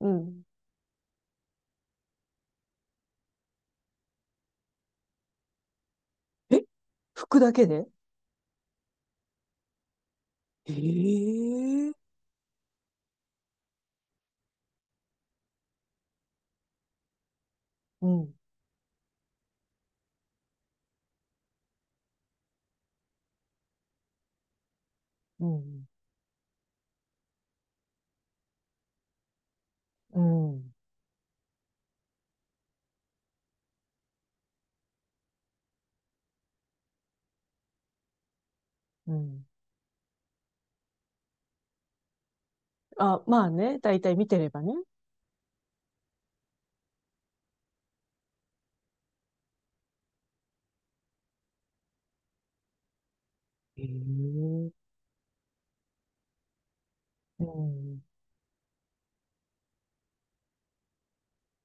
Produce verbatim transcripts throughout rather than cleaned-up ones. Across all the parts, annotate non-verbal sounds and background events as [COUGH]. うん。え、服だけで？ええ。うん。うん。うん。うん。あ、まあね。だいたい見てればね。ええ。うん。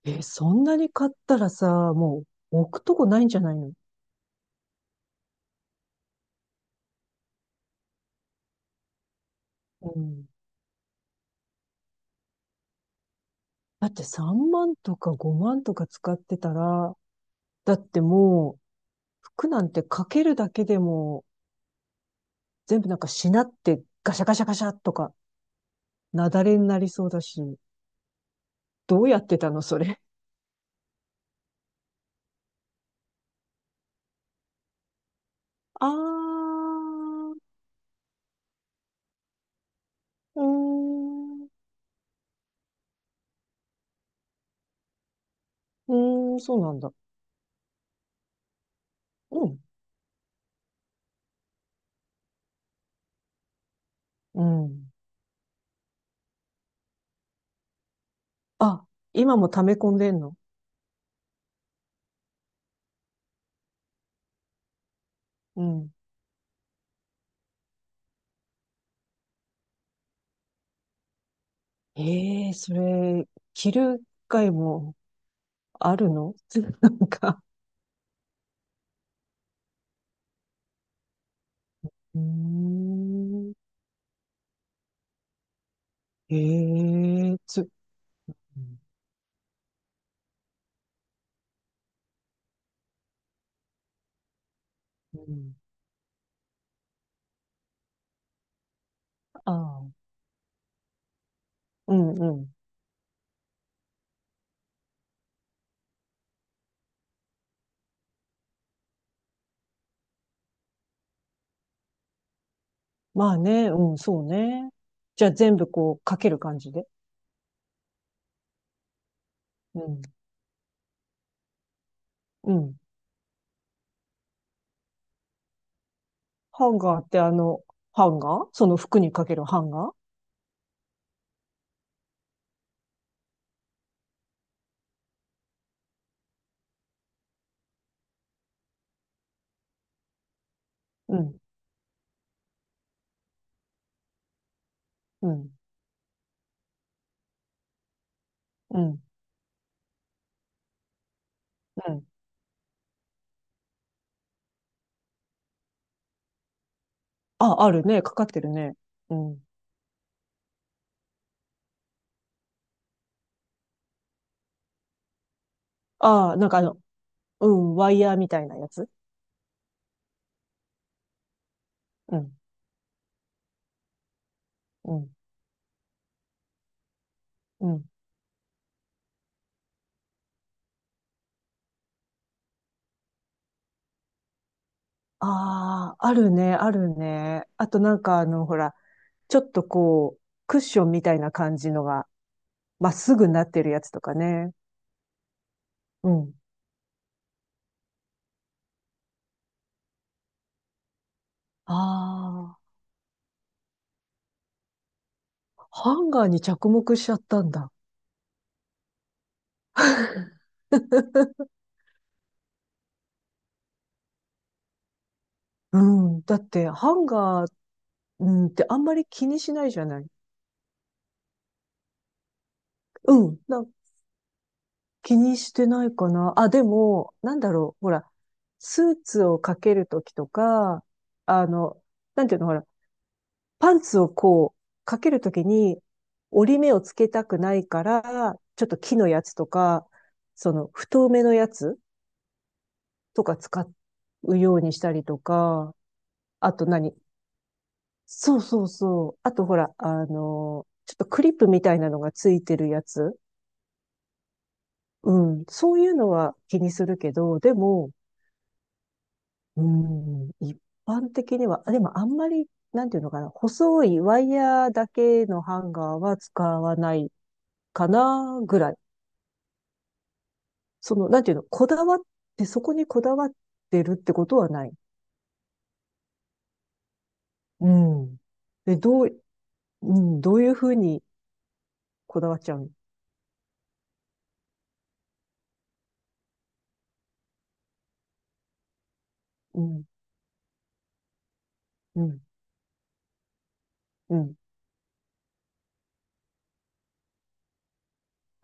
え、そんなに買ったらさ、もう置くとこないんじゃないの？うん。だってさんまんとかごまんとか使ってたら、だってもう服なんてかけるだけでも、全部なんかしなってガシャガシャガシャとか、なだれになりそうだし、どうやってたのそれ？あー。うーん、うーん、そうなんだ。うん、うん。あ、今も溜め込んでんの？うん。ええ、それ、着る回もあるの？ [LAUGHS] なんか。うーん。ええつ、うん。ああ、うん、うん。まあね、うん、そうね。じゃあ全部こう、かける感じで。うん、うん。ハンガーってあの、ハンガー、その服にかけるハンガー？うん、うん、うん、うん。あ、あるね。かかってるね。うん。ああ、なんかあの、うん、ワイヤーみたいなやつ。うん、うん、うん。ああ、あるね、あるね。あとなんかあの、ほら、ちょっとこう、クッションみたいな感じのが、まっすぐになってるやつとかね。うん。ああ、ハンガーに着目しちゃったんだ。うん。だって、ハンガー、うんってあんまり気にしないじゃない。うん。なん気にしてないかな。あ、でも、なんだろう。ほら、スーツをかけるときとか、あの、なんていうの、ほら、パンツをこう、かけるときに、折り目をつけたくないから、ちょっと木のやつとか、その、太めのやつとか使うようにしたりとか、あと何、そうそうそう。あとほら、あの、ちょっとクリップみたいなのがついてるやつ。うん。そういうのは気にするけど、でも、うん、一般的には、あ、でもあんまり、なんていうのかな、細いワイヤーだけのハンガーは使わないかな、ぐらい。その、なんていうの、こだわって、そこにこだわってるってことはない。うん。で、どう、うん、どういうふうにこだわっちゃうの？うん、うん、うん。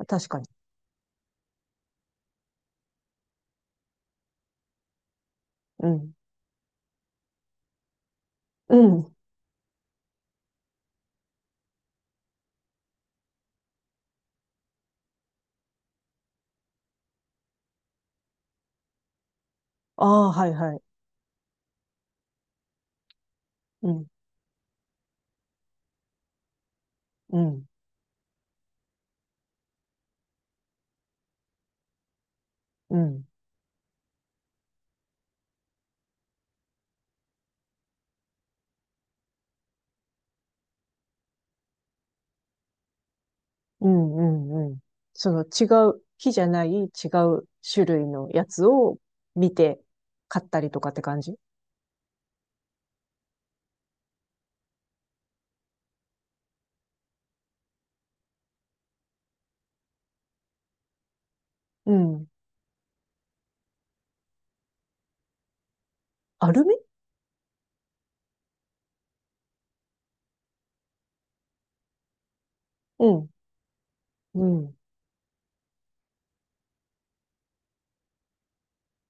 確かに。うん、うん。ああ、はい、はい。うん、うん、うん。うんうんうん。その違う、木じゃない違う種類のやつを見て買ったりとかって感じ？うん。アルミ。うんうん。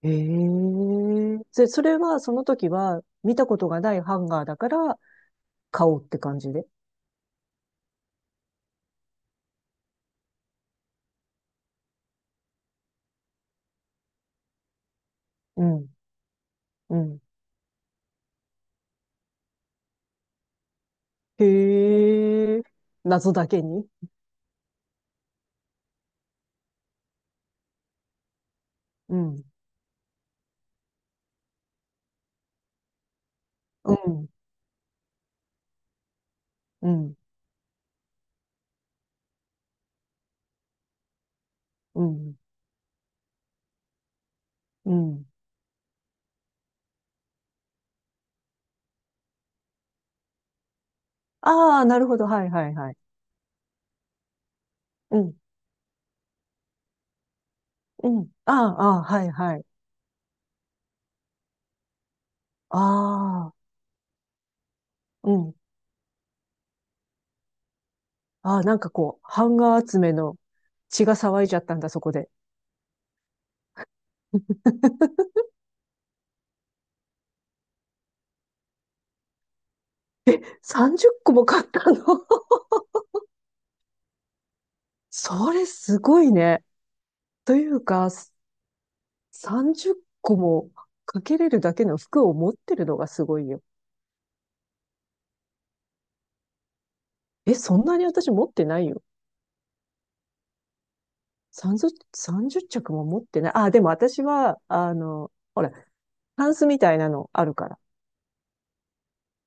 ええ、で、それはその時は見たことがないハンガーだから買おうって感じで？うん。うん。へえ。謎だけに。うん。うん。うん。うん。うん。ああ、なるほど。はいはいはい。うん。うん。ああ、ああ、はいはい。ああ。うん。ああ、なんかこう、版画集めの血が騒いじゃったんだ、そこで。[LAUGHS] さんじゅっこも買ったの？ [LAUGHS] それすごいね。というか、さんじゅっこもかけれるだけの服を持ってるのがすごいよ。え、そんなに私持ってないよ。さんじゅう、さんじゅう着も持ってない。あ、でも私は、あの、ほら、タンスみたいなのあるから。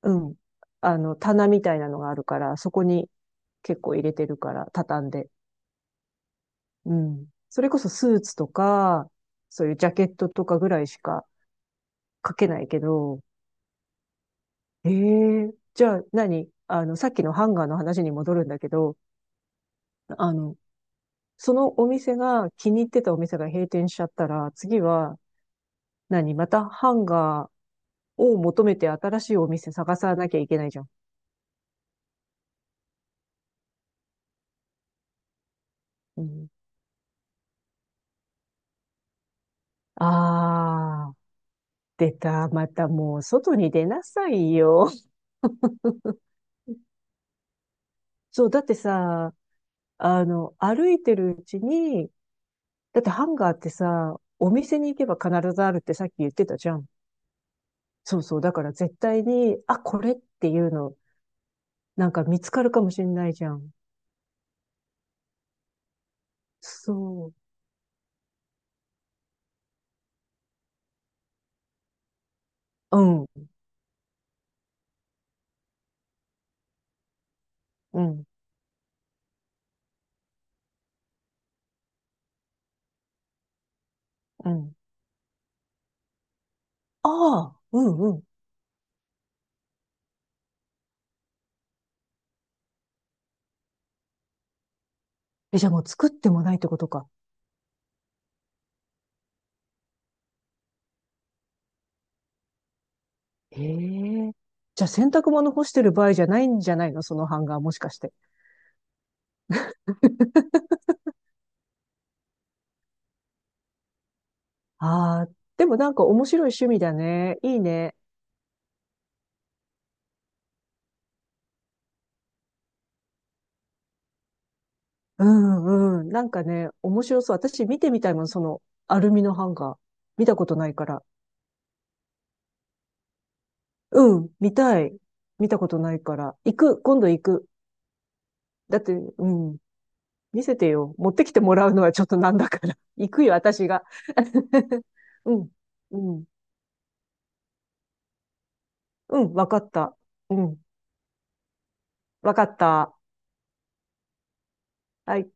うん。あの、棚みたいなのがあるから、そこに結構入れてるから、畳んで。うん。それこそスーツとか、そういうジャケットとかぐらいしか書けないけど、ええ、じゃあ何、あの、さっきのハンガーの話に戻るんだけど、あの、そのお店が気に入ってたお店が閉店しちゃったら、次は何またハンガーを求めて新しいお店探さなきゃいけないじゃん。うん、あー、出た。またもう外に出なさいよ。そう、だってさ、あの、歩いてるうちに、だってハンガーってさ、お店に行けば必ずあるってさっき言ってたじゃん。そうそう。だから絶対に、あ、これっていうの、なんか見つかるかもしれないじゃん。そう。うん、うん、うん。ああ、うん、うん。え、じゃあもう作ってもないってことか。へえ。じゃあ洗濯物干してる場合じゃないんじゃないの、そのハンガー、もしかして？ああ、でもなんか面白い趣味だね。いいね。うんうん。なんかね、面白そう。私見てみたいもん、そのアルミのハンガー。見たことないから。うん、見たい。見たことないから。行く、今度行く。だって、うん、見せてよ。持ってきてもらうのはちょっとなんだから。[LAUGHS] 行くよ、私が。[LAUGHS] うん、うん、うん、わかった。うん、わかった。はい。